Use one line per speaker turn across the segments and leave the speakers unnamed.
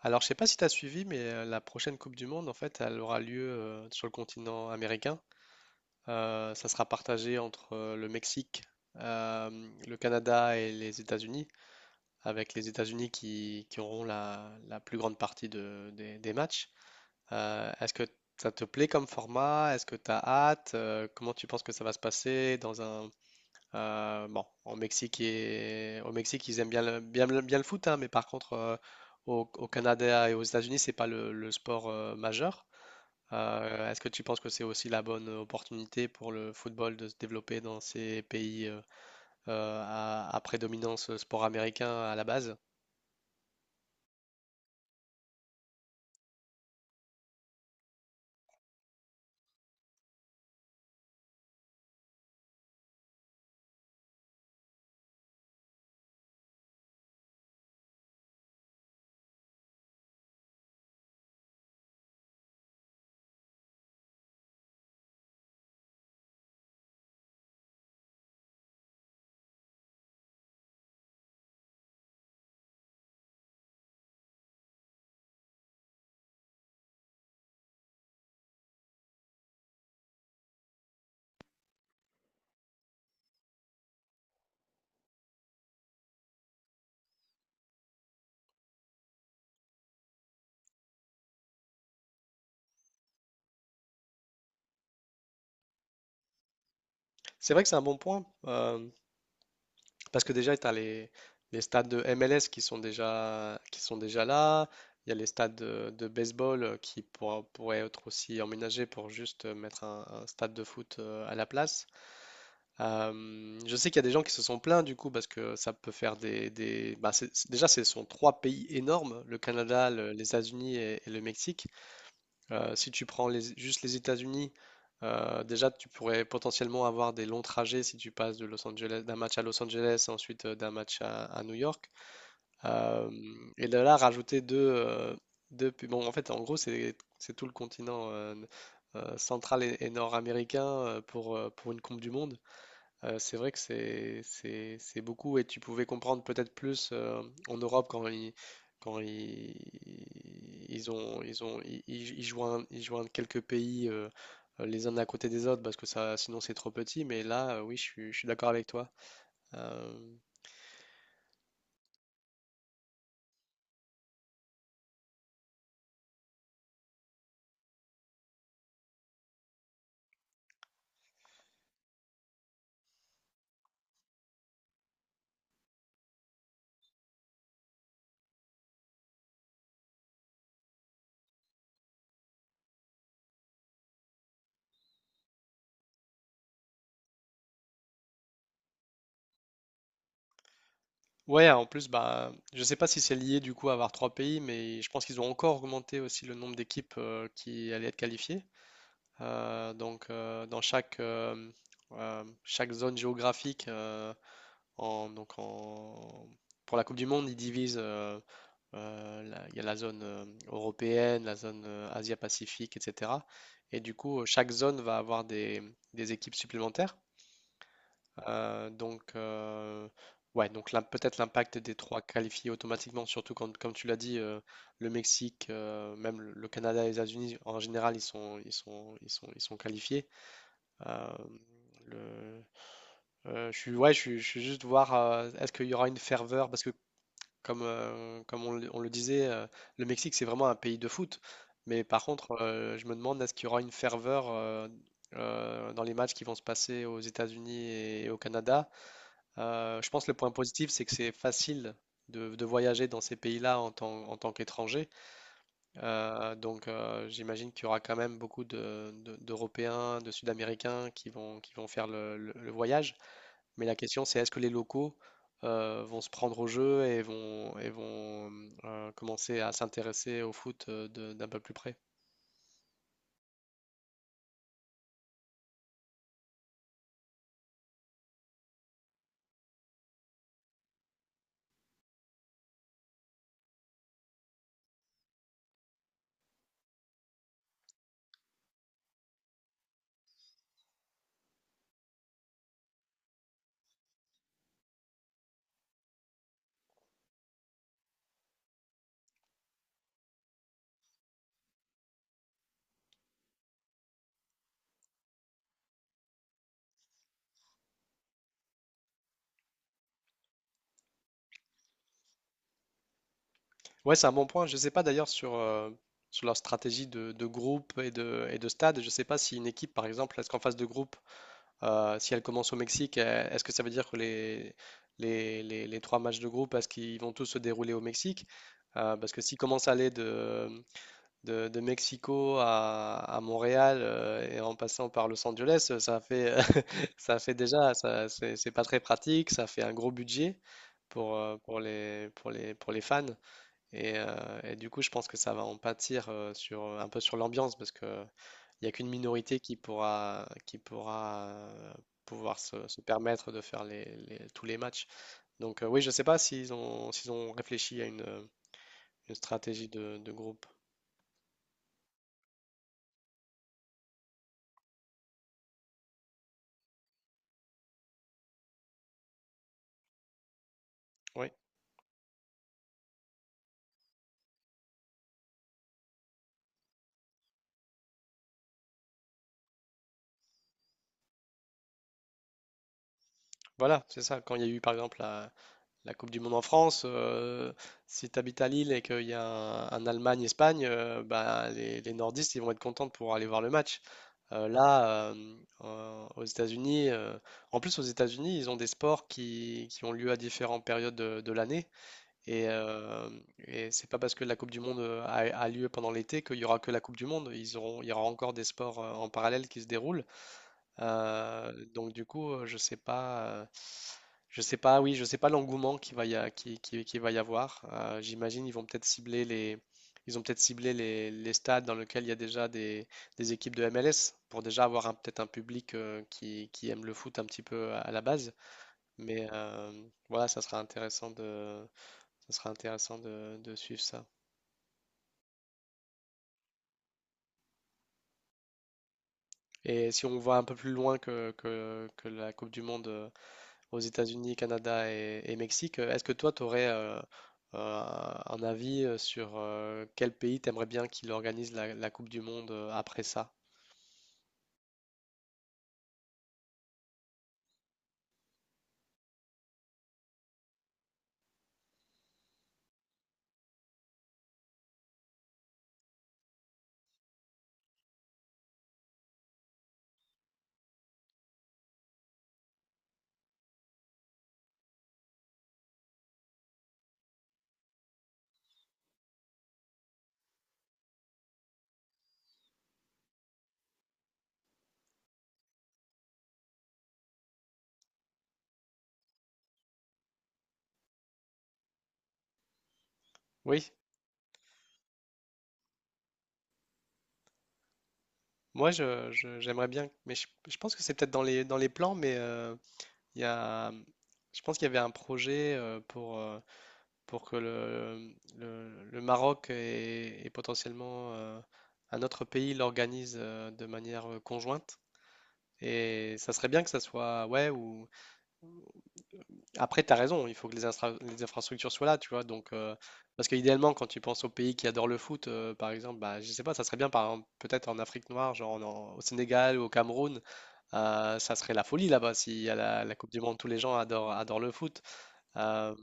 Alors, je sais pas si tu as suivi, mais la prochaine Coupe du Monde, en fait, elle aura lieu sur le continent américain. Ça sera partagé entre le Mexique, euh, le Canada et les États-Unis, avec les États-Unis qui auront la plus grande partie des matchs. Est-ce que ça te plaît comme format? Est-ce que tu as hâte? Comment tu penses que ça va se passer dans un bon, au Mexique, au Mexique, ils aiment bien le foot, hein, mais par contre, au Canada et aux États-Unis, c'est pas le sport majeur. Est-ce que tu penses que c'est aussi la bonne opportunité pour le football de se développer dans ces pays à prédominance sport américain à la base? C'est vrai que c'est un bon point. Parce que déjà, tu as les stades de MLS qui sont déjà là. Il y a les stades de baseball qui pourraient être aussi emménagés pour juste mettre un stade de foot à la place. Je sais qu'il y a des gens qui se sont plaints du coup parce que ça peut faire déjà, ce sont trois pays énormes, le Canada, les États-Unis et le Mexique. Si tu prends juste les États-Unis, déjà tu pourrais potentiellement avoir des longs trajets si tu passes de Los Angeles, d'un match à Los Angeles, ensuite d'un match à New York. Euh, et de là, rajouter deux, deux pu- Bon, en fait, en gros, c'est tout le continent central et nord-américain pour une Coupe du Monde. C'est vrai que c'est beaucoup et tu pouvais comprendre peut-être plus en Europe quand ils ont ils ont ils, ils- ils joignent quelques pays les uns à côté des autres parce que ça sinon c'est trop petit mais là oui je suis d'accord avec toi. Euh, ouais, en plus, bah je sais pas si c'est lié du coup à avoir trois pays mais je pense qu'ils ont encore augmenté aussi le nombre d'équipes qui allaient être qualifiées. Dans chaque zone géographique. En, donc en, pour la Coupe du Monde, ils divisent. Il y a la zone européenne, la zone Asia-Pacifique, etc. Et du coup, chaque zone va avoir des équipes supplémentaires. Euh, donc, euh, ouais, donc là, peut-être l'impact des trois qualifiés automatiquement, surtout quand, comme tu l'as dit, le Mexique, même le Canada et les États-Unis, en général, ils sont qualifiés. Euh, le- je suis, ouais, je suis, Je suis juste voir, est-ce qu'il y aura une ferveur, parce que comme on le disait, le Mexique, c'est vraiment un pays de foot. Mais par contre, je me demande, est-ce qu'il y aura une ferveur dans les matchs qui vont se passer aux États-Unis et au Canada? Je pense que le point positif, c'est que c'est facile de voyager dans ces pays-là en tant qu'étranger. J'imagine qu'il y aura quand même beaucoup d'Européens, de Sud-Américains qui vont faire le voyage. Mais la question, c'est est-ce que les locaux vont se prendre au jeu et vont commencer à s'intéresser au foot d'un peu plus près? Ouais, c'est un bon point. Je ne sais pas d'ailleurs sur, sur leur stratégie de groupe et de stade. Je ne sais pas si une équipe, par exemple, est-ce qu'en phase de groupe, si elle commence au Mexique, est-ce que ça veut dire que les trois matchs de groupe, est-ce qu'ils vont tous se dérouler au Mexique? Parce que s'ils commencent à aller de Mexico à Montréal et en passant par Los Angeles, ça fait, ça fait déjà, ça, c'est pas très pratique, ça fait un gros budget pour, pour les fans. Et du coup, je pense que ça va en pâtir sur, un peu sur l'ambiance parce que il n'y a qu'une minorité qui pourra euh, pouvoir se permettre de faire tous les matchs. Donc, oui, je sais pas s'ils ont réfléchi à une stratégie de groupe. Oui. Voilà, c'est ça. Quand il y a eu par exemple la Coupe du Monde en France, si tu habites à Lille et qu'il y a un Allemagne-Espagne, bah, les nordistes ils vont être contents pour aller voir le match. Euh, là, euh, Aux États-Unis, en plus aux États-Unis, ils ont des sports qui ont lieu à différentes périodes de l'année. Et, euh, et c'est pas parce que la Coupe du Monde a lieu pendant l'été qu'il y aura que la Coupe du Monde. Il y aura encore des sports en parallèle qui se déroulent. Donc du coup, je sais pas, oui, Je sais pas l'engouement qu'il va y a, qui va y avoir. J'imagine ils vont peut-être cibler les, Ils ont peut-être ciblé les stades dans lesquels il y a déjà des équipes de MLS pour déjà avoir peut-être un public qui aime le foot un petit peu à la base. Mais voilà, ça sera intéressant de suivre ça. Et si on voit un peu plus loin que la Coupe du Monde. Aux États-Unis, Canada et Mexique. Est-ce que toi, tu aurais un avis sur quel pays t'aimerais bien qu'il organise la Coupe du Monde après ça? Oui, moi, j'aimerais bien, mais je pense que c'est peut-être dans dans les plans, mais il y a, je pense qu'il y avait un projet pour que le Maroc et potentiellement un autre pays l'organise de manière conjointe. Et ça serait bien que ça soit, ouais, ou après, tu as raison, il faut que les infrastructures soient là, tu vois. Donc, parce qu'idéalement, quand tu penses aux pays qui adorent le foot, par exemple, bah, je sais pas, ça serait bien, par exemple, peut-être en Afrique noire, genre au Sénégal ou au Cameroun, ça serait la folie là-bas. Si à la Coupe du Monde, tous les gens adorent, adorent le foot. Euh,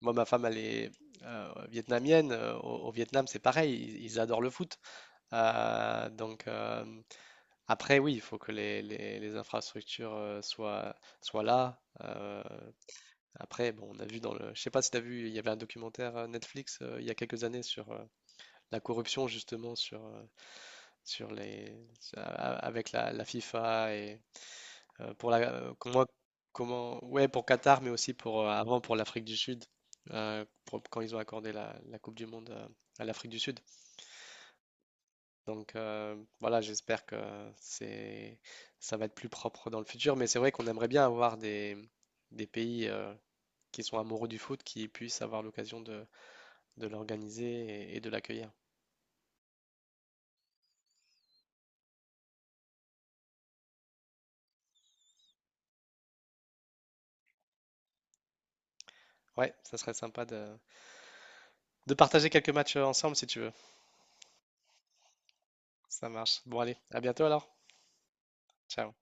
Moi, ma femme, elle est vietnamienne. Au Vietnam, c'est pareil, ils adorent le foot. Euh, donc, euh, Après, oui, il faut que les infrastructures soient là. Après, bon, on a vu dans le, je sais pas si t'as vu, il y avait un documentaire Netflix il y a quelques années sur la corruption justement sur sur les sur- a- a- avec la FIFA et pour la comment comment ouais pour Qatar mais aussi pour avant pour l'Afrique du Sud quand ils ont accordé la Coupe du Monde à l'Afrique du Sud. Donc voilà, j'espère que c'est ça va être plus propre dans le futur, mais c'est vrai qu'on aimerait bien avoir des pays qui sont amoureux du foot qui puissent avoir l'occasion de l'organiser et de l'accueillir. Ouais, ça serait sympa de partager quelques matchs ensemble si tu veux. Ça marche. Bon, allez, à bientôt alors. Ciao.